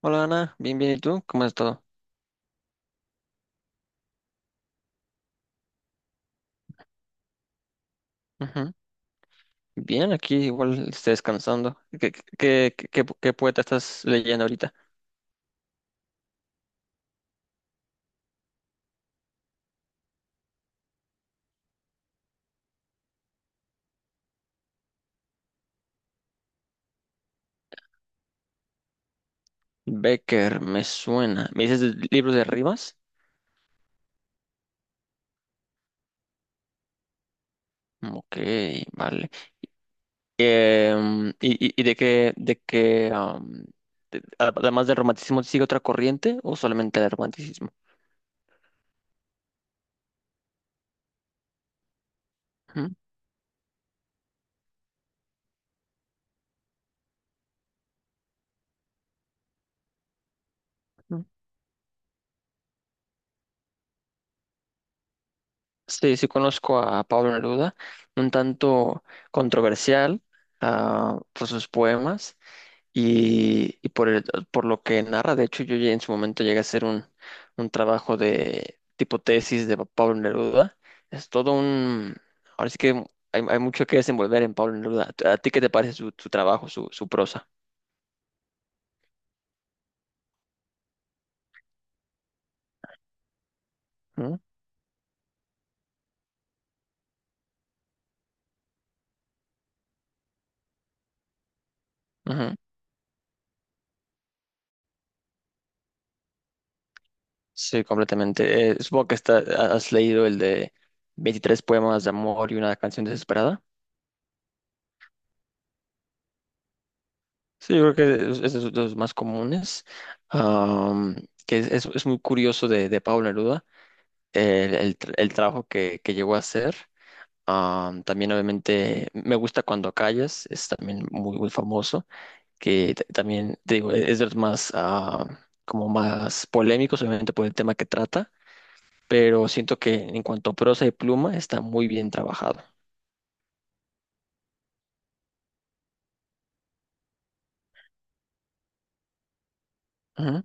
Hola Ana, bien, bien, ¿y tú? ¿Cómo es todo? Ujú. Bien, aquí igual estoy descansando. ¿Qué poeta estás leyendo ahorita? Becker, me suena. ¿Me dices libros de rimas? Ok, vale. ¿Y de qué, además del romanticismo, sigue otra corriente o solamente el romanticismo? Ujú. Sí, sí conozco a Pablo Neruda, un tanto controversial, por sus poemas y por lo que narra. De hecho, yo ya en su momento llegué a hacer un trabajo de tipo tesis de Pablo Neruda. Es todo un... Ahora sí que hay mucho que desenvolver en Pablo Neruda. ¿A ti qué te parece su trabajo, su prosa? ¿No? Ujú. Sí, completamente. Supongo que has leído el de 23 poemas de amor y una canción desesperada. Sí, yo creo que es de los más comunes, am, que es muy curioso de Pablo Neruda, el trabajo que llegó a hacer. También obviamente me gusta Cuando callas, es también muy, muy famoso, también te digo, es de los más, como más polémicos, obviamente por el tema que trata, pero siento que en cuanto a prosa y pluma está muy bien trabajado. Ujú,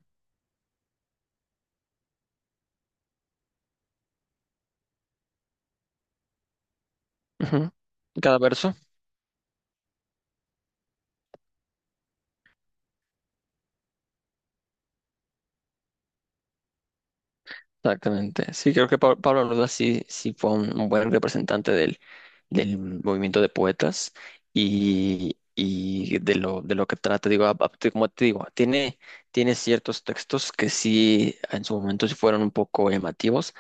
ujú. Cada verso. Exactamente. Sí, creo que Pablo Neruda sí, sí fue un buen representante del, del movimiento de poetas y de lo que trata. Digo, como te digo, tiene ciertos textos que sí en su momento sí fueron un poco llamativos,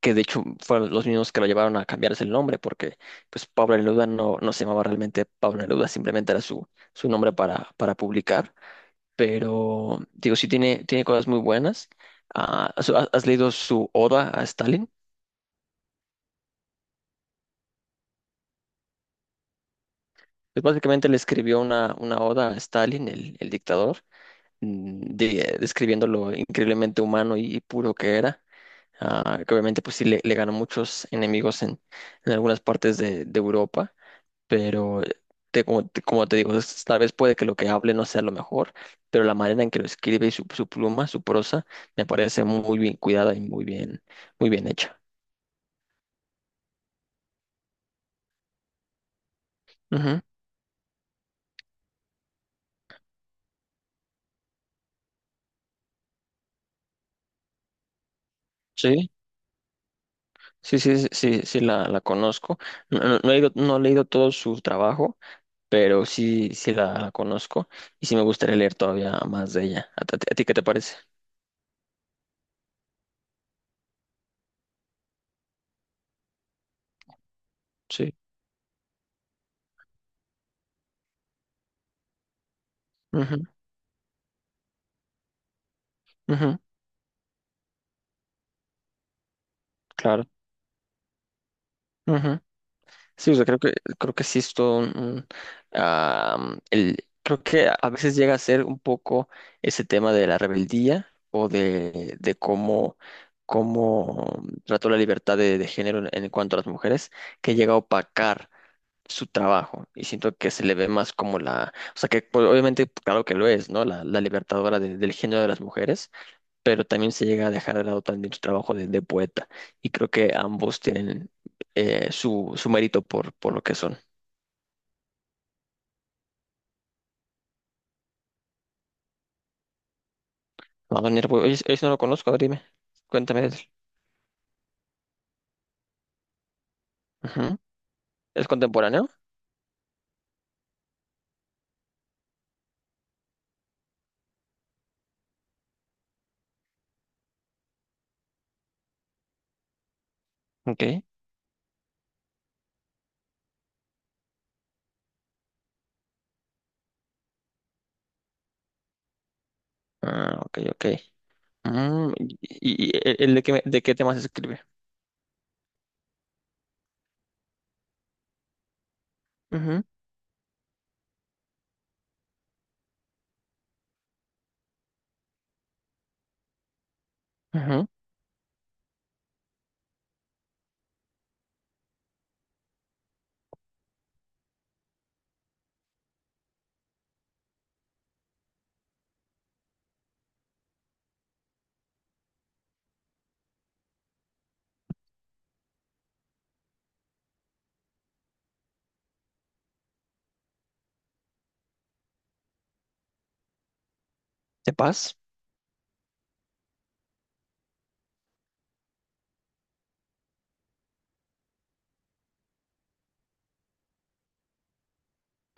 que de hecho fueron los mismos que lo llevaron a cambiarse el nombre, porque pues Pablo Neruda no, no se llamaba realmente Pablo Neruda, simplemente era su nombre para publicar, pero digo, sí tiene, tiene cosas muy buenas. Ah, ¿has, has leído su Oda a Stalin? Pues básicamente le escribió una oda a Stalin, el dictador, describiendo lo increíblemente humano y puro que era. Ah, que obviamente pues sí le ganó muchos enemigos en algunas partes de Europa, pero te digo, tal vez puede que lo que hable no sea lo mejor, pero la manera en que lo escribe y su pluma, su prosa, me parece muy bien cuidada y muy bien hecha. Ujú. Sí, sí, sí, sí, sí, sí la conozco. No, no he no he leído todo su trabajo, pero sí, sí la conozco y sí me gustaría leer todavía más de ella. ¿A ti, a ti qué te parece? Sí. Ujú, ujú, claro, ujú. Sí, o sea, creo que sí es todo am, el, creo que a veces llega a ser un poco ese tema de la rebeldía o de cómo, cómo trató la libertad de género en cuanto a las mujeres, que llega a opacar su trabajo, y siento que se le ve más como la, o sea que pues, obviamente claro que lo es, ¿no? La libertadora del género de las mujeres, pero también se llega a dejar de lado también su trabajo de poeta, y creo que ambos tienen su, su mérito por lo que son. Wagner, pues, oye, eso no lo conozco, a ver, dime, cuéntame de él. Ujú. ¿Es contemporáneo? Ok. Ah, ok, ok. Y el de qué temas escribe? Ujú, ujú. ¿De paz?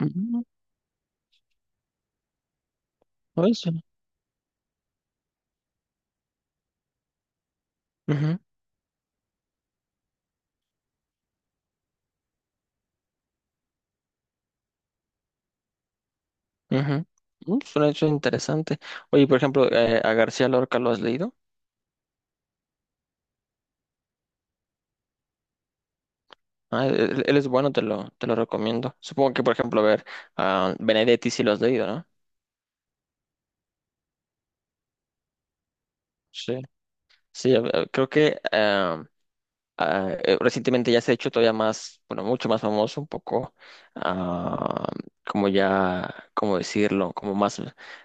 Ujú, no, eso. Ujú. Suena, suena interesante. Oye, por ejemplo, a García Lorca lo has leído. Ah, él es bueno, te lo recomiendo. Supongo que, por ejemplo, a ver, a Benedetti sí lo has leído, ¿no? Sí. Sí, creo que recientemente ya se ha hecho todavía más, bueno, mucho más famoso, un poco, ah, como ya, ¿cómo decirlo? Como más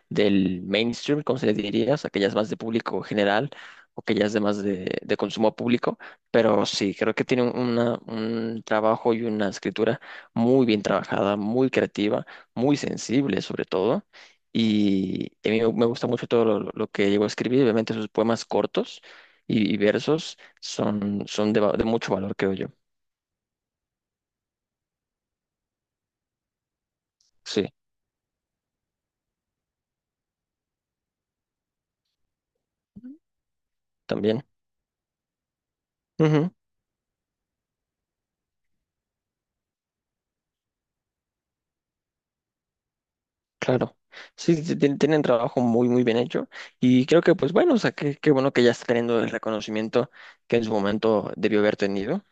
del mainstream, ¿cómo se le diría? O sea, que ya es más de público general o que ya es de más de consumo público, pero sí, creo que tiene una, un trabajo y una escritura muy bien trabajada, muy creativa, muy sensible sobre todo. Y a mí me gusta mucho todo lo que llegó a escribir, obviamente sus poemas cortos y versos son, son de, de mucho valor, creo yo. Sí, también. Ujú, claro. Sí, sí, sí, tienen trabajo muy, muy bien hecho. Y creo que, pues bueno, o sea, qué, qué bueno que ya está teniendo el reconocimiento que en su momento debió haber tenido.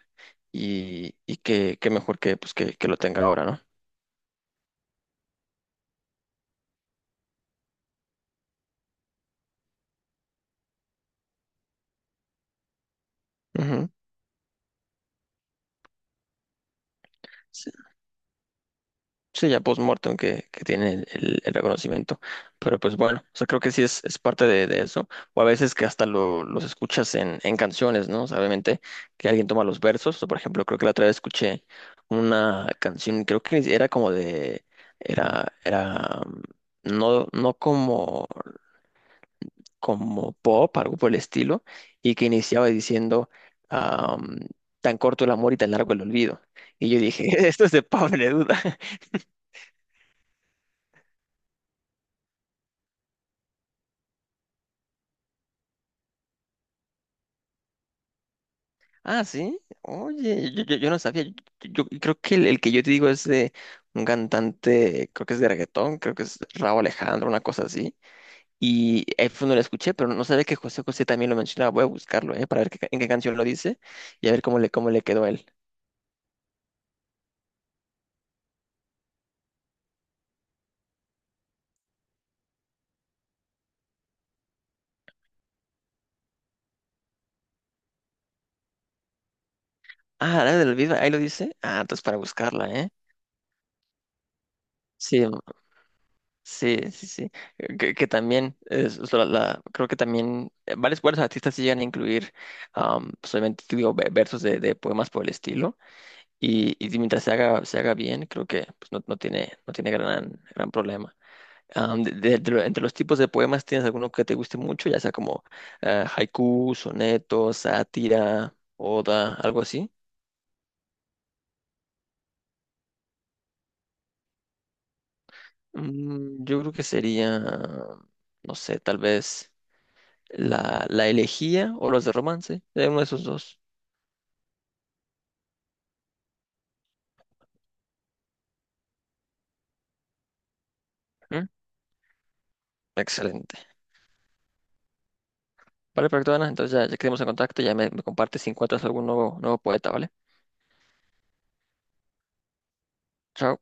Y que, qué mejor que, pues, que lo tenga ahora, ¿no? Ujú. Sí, ya post-mortem que tiene el reconocimiento. Pero pues bueno, o sea, creo que sí es parte de eso. O a veces que hasta los escuchas en canciones, ¿no? O sea, obviamente que alguien toma los versos. O por ejemplo, creo que la otra vez escuché una canción, creo que era como de, era, era, mm, no, no como, como pop, algo por el estilo, y que iniciaba diciendo, am, tan corto el amor y tan largo el olvido. Y yo dije, esto es de Pablo Neruda. Ah, sí. Oye, yo, yo no sabía. Yo, yo creo que el que yo te digo es de un cantante, creo que es de reggaetón, creo que es Rauw Alejandro, una cosa así. Y ahí fue donde lo escuché, pero no sabía que José José también lo mencionaba. Voy a buscarlo, ¿eh? Para ver qué en qué canción lo dice y a ver cómo le quedó a él. Ah, la del Olvido, ahí lo dice. Ah, entonces para buscarla, ¿eh? Sí, mm, sí, sí, sí. Que también, es, la- creo que también varios, varios artistas sí llegan a incluir, solamente, digo, versos de poemas por el estilo. Y si mientras se haga bien, creo que pues, no, no tiene, no tiene gran, gran problema. Am, de lo- entre los tipos de poemas, ¿tienes alguno que te guste mucho? Ya sea como haiku, soneto, sátira, oda, algo así. Mm, yo creo que sería, no sé, tal vez la, la elegía o los de romance, de uno de esos dos. ¿Mm? Excelente. Vale, perfecto, Ana. Entonces ya, ya quedamos en contacto, ya me compartes si encuentras algún nuevo, nuevo poeta, ¿vale? Chao.